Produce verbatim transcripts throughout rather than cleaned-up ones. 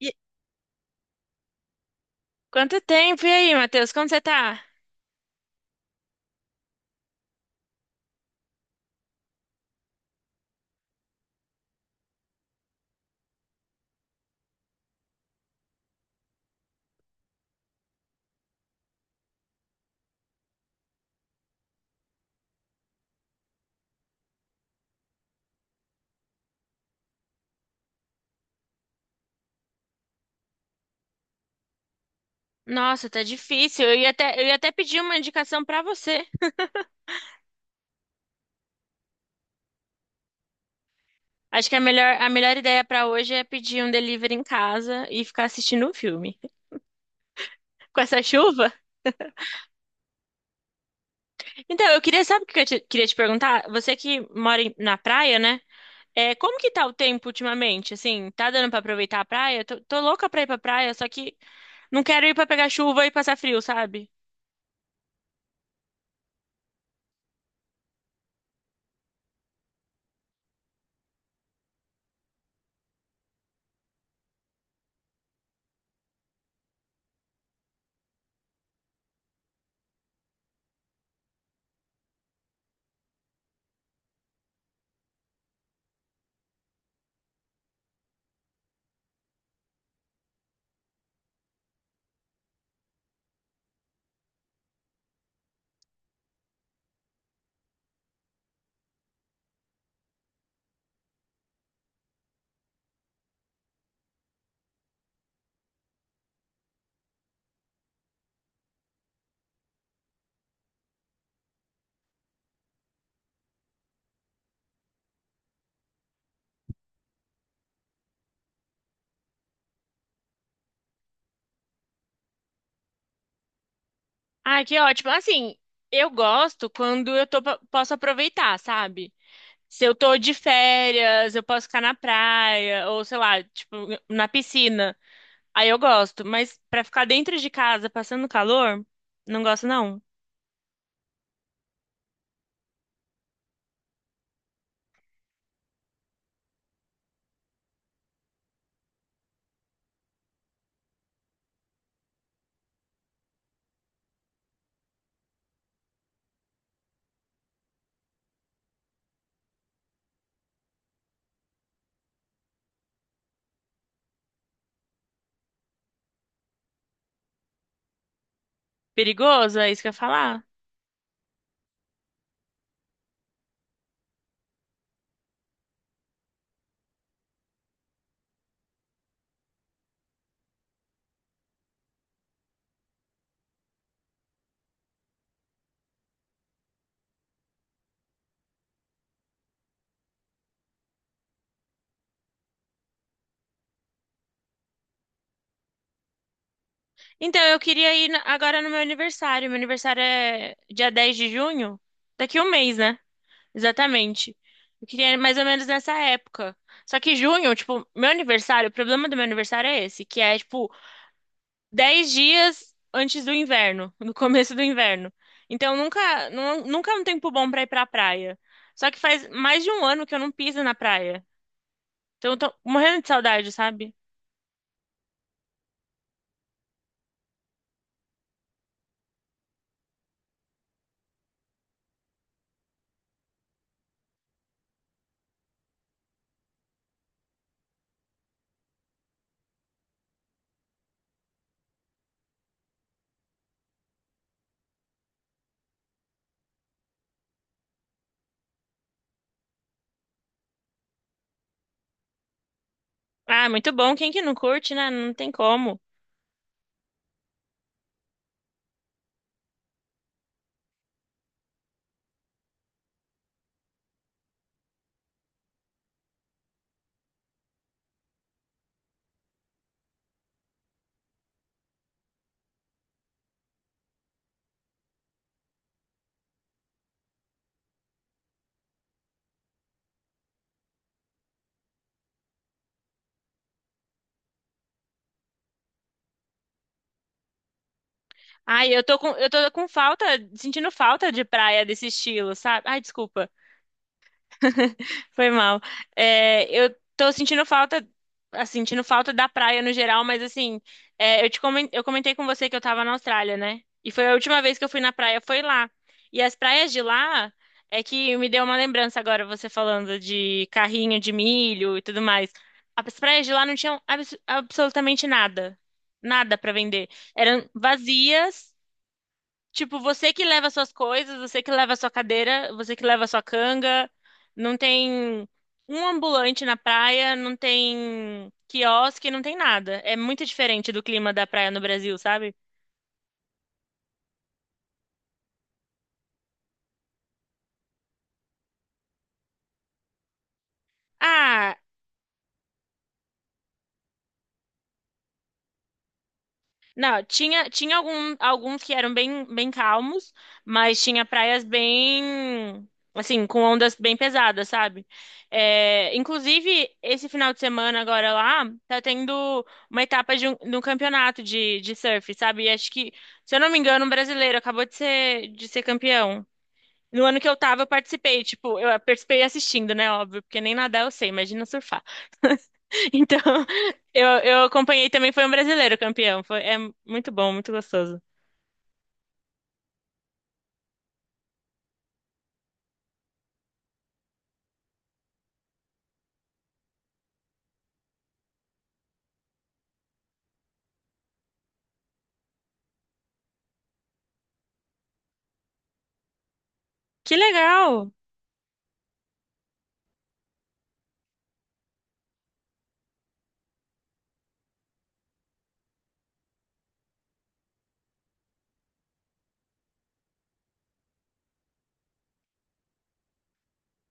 E- Quanto tempo? E aí, Matheus? Como você tá? Nossa, tá difícil. Eu ia até, eu ia até pedir uma indicação pra você. Acho que a melhor, a melhor ideia pra hoje é pedir um delivery em casa e ficar assistindo um filme. Com essa chuva? Então, eu queria, sabe o que eu te- queria te perguntar? Você que mora em- na praia, né? É, como que tá o tempo ultimamente? Assim, tá dando pra aproveitar a praia? Tô, tô louca pra ir pra praia, só que não quero ir pra pegar chuva e passar frio, sabe? Ai, que ótimo. Assim, eu gosto quando eu tô, posso aproveitar, sabe? Se eu tô de férias, eu posso ficar na praia, ou sei lá, tipo, na piscina. Aí eu gosto, mas pra ficar dentro de casa passando calor, não gosto não. Perigoso, é isso que eu ia falar. Então, eu queria ir na- agora no meu aniversário. Meu aniversário é dia dez de junho, daqui um mês, né? Exatamente. Eu queria ir mais ou menos nessa época. Só que junho, tipo, meu aniversário, o problema do meu aniversário é esse, que é, tipo, dez dias antes do inverno, no começo do inverno. Então nunca, nu- nunca é um tempo bom pra ir pra praia. Só que faz mais de um ano que eu não piso na praia. Então eu tô morrendo de saudade, sabe? Ah, muito bom. Quem que não curte, né? Não tem como. Ai, eu tô com, eu tô com falta, sentindo falta de praia desse estilo, sabe? Ai, desculpa. Foi mal. É, eu tô sentindo falta, assim, sentindo falta da praia no geral, mas assim, é, eu te comen- eu comentei com você que eu tava na Austrália, né? E foi a última vez que eu fui na praia, foi lá. E as praias de lá é que me deu uma lembrança agora, você falando de carrinho de milho e tudo mais. As praias de lá não tinham abs- absolutamente nada. Nada pra vender. Eram vazias. Tipo, você que leva suas coisas, você que leva sua cadeira, você que leva sua canga, não tem um ambulante na praia, não tem quiosque, não tem nada. É muito diferente do clima da praia no Brasil, sabe? Ah, Não, tinha, tinha algum, alguns que eram bem, bem calmos, mas tinha praias bem, assim, com ondas bem pesadas, sabe? É, inclusive, esse final de semana agora lá, tá tendo uma etapa de um, de um campeonato de, de surf, sabe? E acho que, se eu não me engano, um brasileiro acabou de ser, de ser campeão. No ano que eu tava, eu participei, tipo, eu participei assistindo, né, óbvio, porque nem nadar eu sei, imagina surfar. Então, eu, eu acompanhei também, foi um brasileiro campeão. Foi, é muito bom, muito gostoso. Que legal!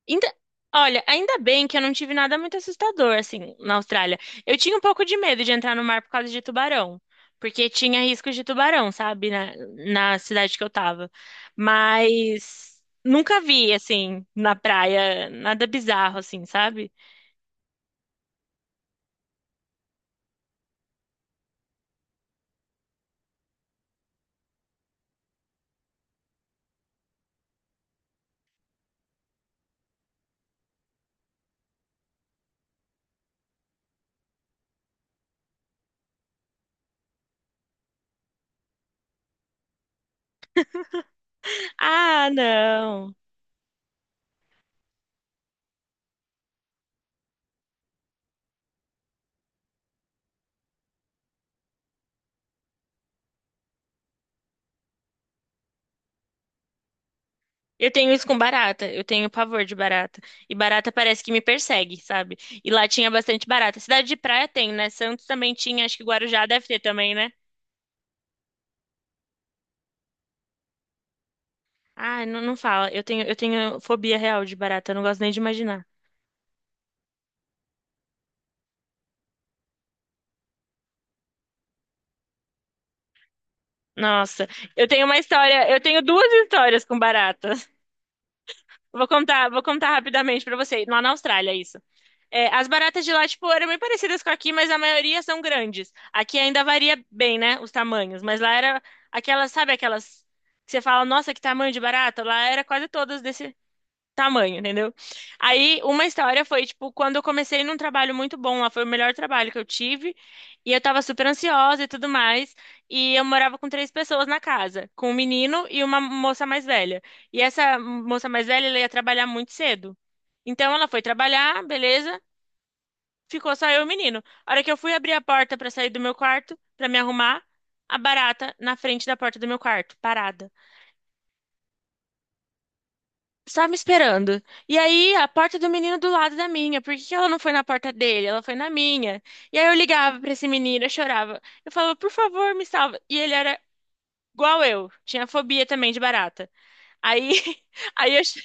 Ainda- olha, ainda bem que eu não tive nada muito assustador, assim, na Austrália. Eu tinha um pouco de medo de entrar no mar por causa de tubarão. Porque tinha risco de tubarão, sabe? Na, na cidade que eu tava. Mas nunca vi, assim, na praia, nada bizarro, assim, sabe? Ah, não. Eu tenho isso com barata. Eu tenho pavor de barata. E barata parece que me persegue, sabe? E lá tinha bastante barata. Cidade de praia tem, né? Santos também tinha. Acho que Guarujá deve ter também, né? Ah, não, não fala. Eu tenho, eu tenho fobia real de barata. Eu não gosto nem de imaginar. Nossa, eu tenho uma história. Eu tenho duas histórias com barata. Vou contar, vou contar rapidamente pra você. Lá na Austrália, isso. É, as baratas de lá, tipo, eram bem parecidas com aqui, mas a maioria são grandes. Aqui ainda varia bem, né, os tamanhos, mas lá era aquelas, sabe aquelas que você fala, nossa, que tamanho de barata? Lá era quase todas desse tamanho, entendeu? Aí, uma história foi, tipo, quando eu comecei num trabalho muito bom lá, foi o melhor trabalho que eu tive, e eu tava super ansiosa e tudo mais, e eu morava com três pessoas na casa, com um menino e uma moça mais velha. E essa moça mais velha, ela ia trabalhar muito cedo. Então ela foi trabalhar, beleza? Ficou só eu e o menino. A hora que eu fui abrir a porta pra sair do meu quarto, pra me arrumar, a barata na frente da porta do meu quarto, parada. Só me esperando. E aí, a porta do menino do lado da minha. Por que que ela não foi na porta dele? Ela foi na minha. E aí eu ligava pra esse menino, eu chorava. Eu falava, por favor, me salva. E ele era igual eu. Tinha fobia também de barata. Aí, aí eu. che-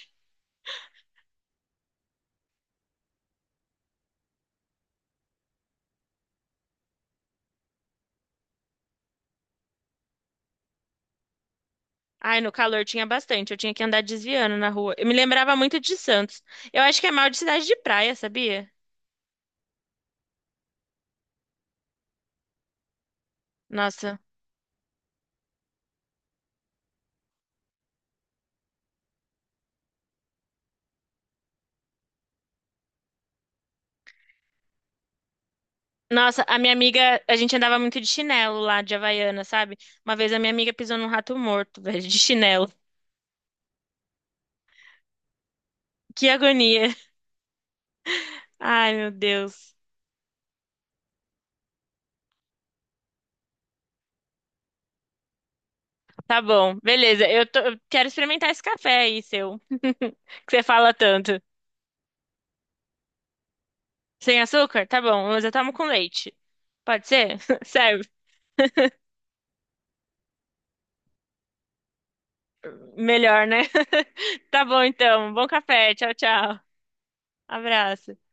Ai, no calor tinha bastante. Eu tinha que andar desviando na rua. Eu me lembrava muito de Santos. Eu acho que é mal de cidade de praia, sabia? Nossa. Nossa, a minha amiga, a gente andava muito de chinelo lá, de Havaiana, sabe? Uma vez a minha amiga pisou num rato morto, velho, de chinelo. Que agonia. Ai, meu Deus. Tá bom, beleza. Eu, tô- eu quero experimentar esse café aí, seu, que você fala tanto. Sem açúcar? Tá bom, mas eu tomo com leite. Pode ser? Serve. Melhor, né? Tá bom, então. Bom café. Tchau, tchau. Abraço.